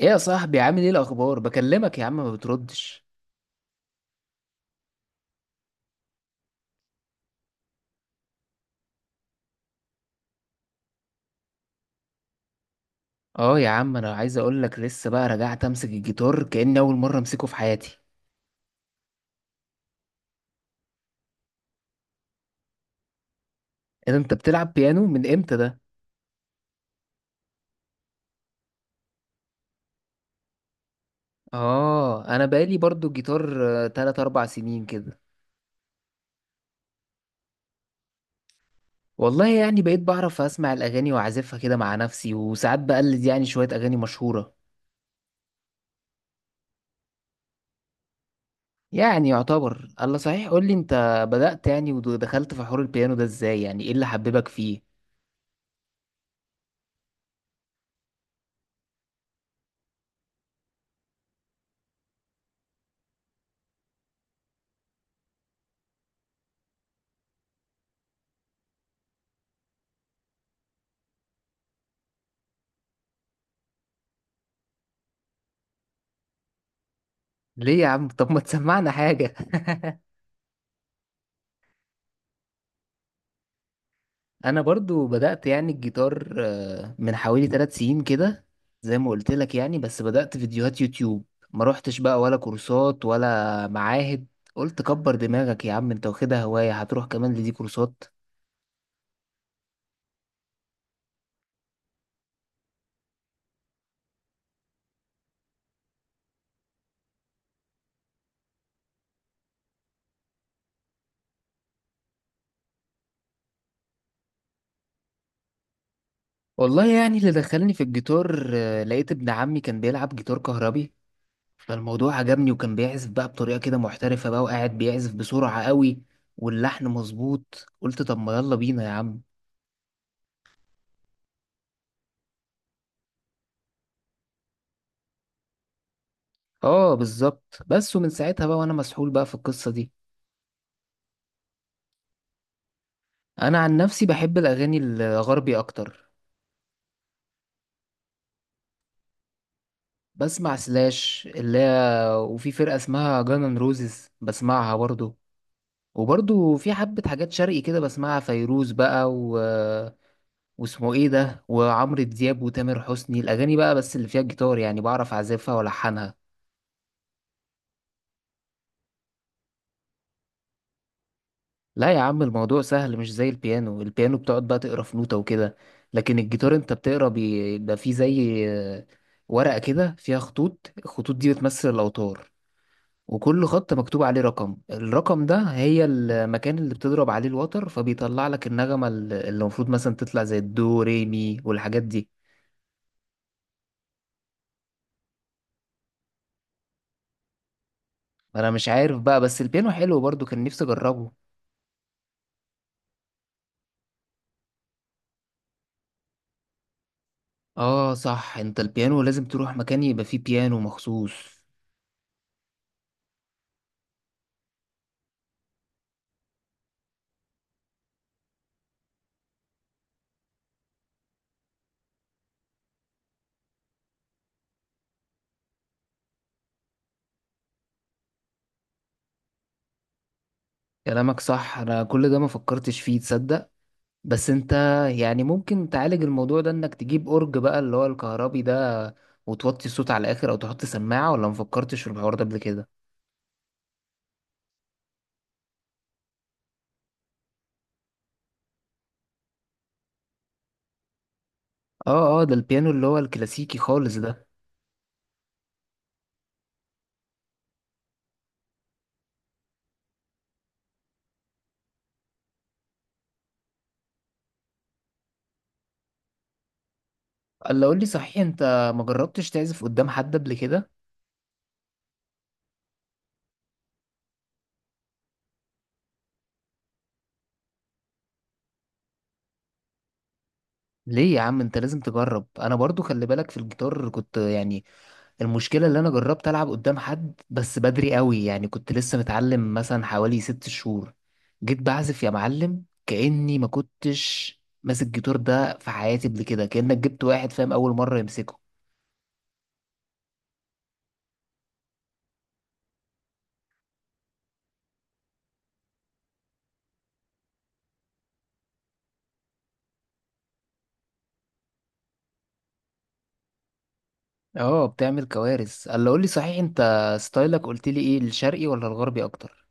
ايه يا صاحبي؟ عامل ايه الاخبار؟ بكلمك يا عم ما بتردش. اه يا عم، انا عايز اقول لك لسه بقى رجعت امسك الجيتار كأني اول مره امسكه في حياتي. ايه ده؟ انت بتلعب بيانو من امتى ده؟ اه، انا بقالي برضو جيتار، تلات اربع سنين كده. والله يعني بقيت بعرف اسمع الاغاني واعزفها كده مع نفسي، وساعات بقلد يعني شويه اغاني مشهوره. يعني يعتبر. الله صحيح، قول لي انت بدأت يعني ودخلت في حوار البيانو ده ازاي؟ يعني ايه اللي حببك فيه؟ ليه يا عم؟ طب ما تسمعنا حاجه. انا برضو بدأت يعني الجيتار من حوالي 3 سنين كده. زي ما قلت لك يعني، بس بدأت فيديوهات يوتيوب. ما روحتش بقى ولا كورسات ولا معاهد. قلت كبر دماغك يا عم، انت واخدها هواية هتروح كمان لدي كورسات. والله يعني اللي دخلني في الجيتار، لقيت ابن عمي كان بيلعب جيتار كهربي. فالموضوع عجبني، وكان بيعزف بقى بطريقة كده محترفة بقى وقاعد بيعزف بسرعة قوي. واللحن مظبوط. قلت طب ما يلا بينا يا عم. اه بالظبط. بس ومن ساعتها بقى وانا مسحول بقى في القصة دي. انا عن نفسي بحب الاغاني الغربي اكتر. بسمع سلاش اللي هي. وفي فرقه اسمها جانن روزز بسمعها برضو. وبرضو في حبه حاجات شرقي كده بسمعها فيروز بقى و واسمه ايه ده، وعمرو دياب وتامر حسني، الاغاني بقى بس اللي فيها الجيتار يعني بعرف اعزفها والحنها. لا يا عم، الموضوع سهل مش زي البيانو. البيانو بتقعد بقى تقرا في نوتة وكده. لكن الجيتار انت بتقرا بيبقى فيه زي ورقة كده فيها خطوط. الخطوط دي بتمثل الأوتار. وكل خط مكتوب عليه رقم. الرقم ده هي المكان اللي بتضرب عليه الوتر فبيطلع لك النغمة اللي المفروض مثلا تطلع زي الدو ري مي والحاجات دي. انا مش عارف بقى، بس البيانو حلو برضو كان نفسي اجربه. اه صح، انت البيانو لازم تروح مكان يبقى فيه بيانو مخصوص. كلامك صح، انا كل ده ما فكرتش فيه تصدق. بس انت يعني ممكن تعالج الموضوع ده انك تجيب اورج بقى اللي هو الكهربي ده. وتوطي الصوت على الاخر او تحط سماعة. ولا مفكرتش في الحوار ده قبل كده؟ اه، اه، ده البيانو اللي هو الكلاسيكي خالص ده. قال له قول لي صحيح، انت ما جربتش تعزف قدام حد قبل كده؟ ليه يا عم؟ انت لازم تجرب. انا برضو خلي بالك في الجيتار كنت يعني. المشكلة اللي انا جربت العب قدام حد بس بدري قوي يعني، كنت لسه متعلم مثلا حوالي 6 شهور. جيت بعزف يا معلم كأني ما كنتش ماسك جيتار ده في حياتي قبل كده، كأنك جبت واحد فاهم اول مرة يمسكه. اه بتعمل كوارث. قال له قول لي صحيح، انت ستايلك قلت لي ايه؟ الشرقي ولا الغربي اكتر؟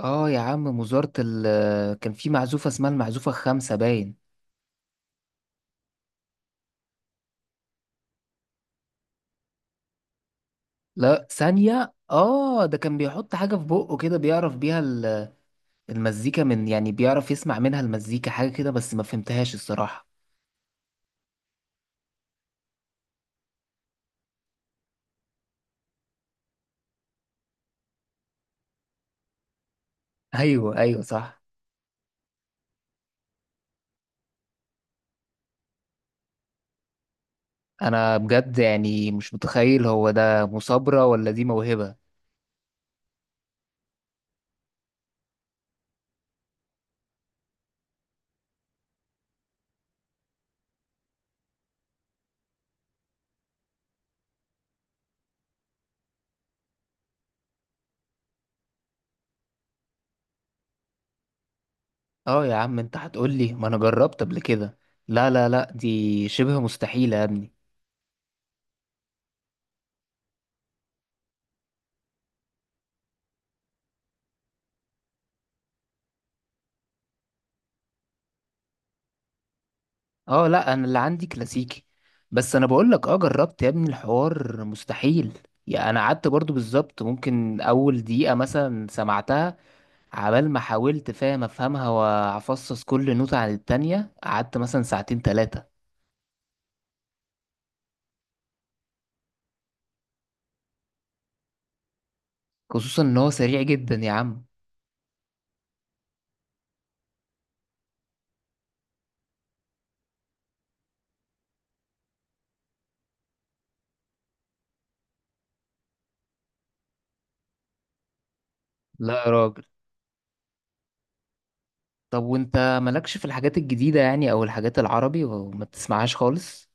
اه يا عم، وزارة كان في معزوفة اسمها المعزوفة الخامسة باين. لا ثانية، اه ده كان بيحط حاجة في بقه كده بيعرف بيها المزيكا، من يعني بيعرف يسمع منها المزيكا حاجة كده بس ما فهمتهاش الصراحة. ايوه، ايوه، صح. انا بجد يعني مش متخيل، هو ده مثابرة ولا دي موهبة؟ اه يا عم، انت هتقولي ما انا جربت قبل كده. لا، لا، لا، دي شبه مستحيلة يا ابني. اه لا، انا اللي عندي كلاسيكي. بس انا بقول لك، اه جربت يا ابني، الحوار مستحيل. يعني انا قعدت برضو بالظبط ممكن اول دقيقة مثلا سمعتها. عبال ما حاولت فاهم افهمها وافصص كل نوتة عن التانية، قعدت مثلا ساعتين تلاتة. خصوصا ان هو سريع جدا يا عم. لا يا راجل. طب وانت مالكش في الحاجات الجديدة يعني، او الحاجات العربي وما بتسمعهاش خالص؟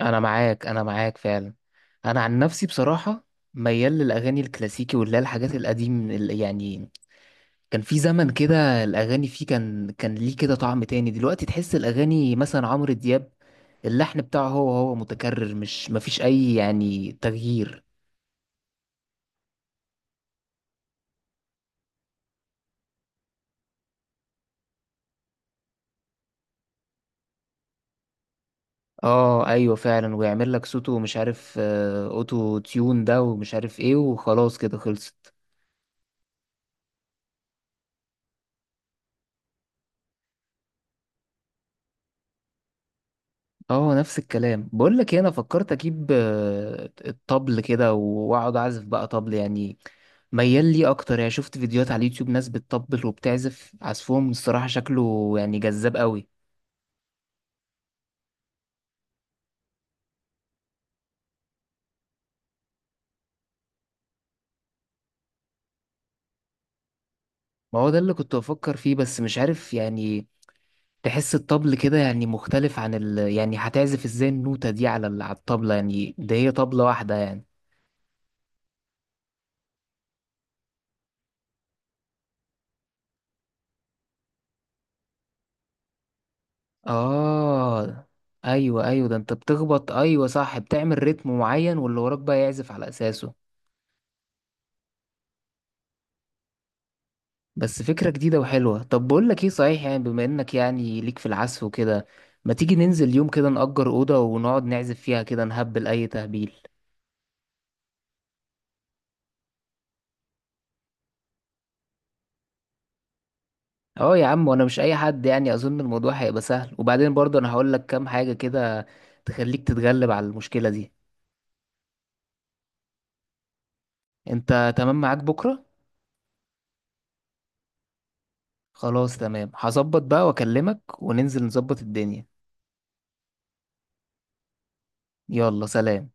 انا معاك، انا معاك فعلا. انا عن نفسي بصراحه ميال للاغاني الكلاسيكي واللي هي الحاجات القديم يعني. كان في زمن كده الاغاني فيه كان ليه كده طعم تاني. دلوقتي تحس الاغاني مثلا عمرو دياب، اللحن بتاعه هو هو متكرر، مش مفيش اي يعني تغيير. اه ايوه فعلا، ويعمل لك صوته مش عارف اوتو تيون ده ومش عارف ايه، وخلاص كده خلصت. اه نفس الكلام، بقول لك إيه، انا فكرت اجيب الطبل كده واقعد اعزف بقى طبل يعني. ميال لي اكتر يعني. شفت فيديوهات على اليوتيوب ناس بتطبل وبتعزف عزفهم، الصراحة شكله يعني جذاب قوي. ما هو ده اللي كنت بفكر فيه بس مش عارف يعني. تحس الطبل كده يعني مختلف عن يعني هتعزف ازاي النوتة دي على على الطبلة يعني، ده هي طبلة واحدة يعني. اه، ايوه، ايوه، ده انت بتخبط. ايوه صح، بتعمل رتم معين واللي وراك بقى يعزف على اساسه. بس فكرة جديدة وحلوة. طب بقول لك ايه صحيح، يعني بما انك يعني ليك في العزف وكده، ما تيجي ننزل يوم كده نأجر أوضة ونقعد نعزف فيها كده نهبل أي تهبيل. اه يا عم، وانا مش اي حد يعني، اظن الموضوع هيبقى سهل. وبعدين برضه انا هقول لك كام حاجة كده تخليك تتغلب على المشكلة دي. انت تمام؟ معاك بكرة؟ خلاص تمام، هظبط بقى واكلمك وننزل نظبط الدنيا. يلا، سلام.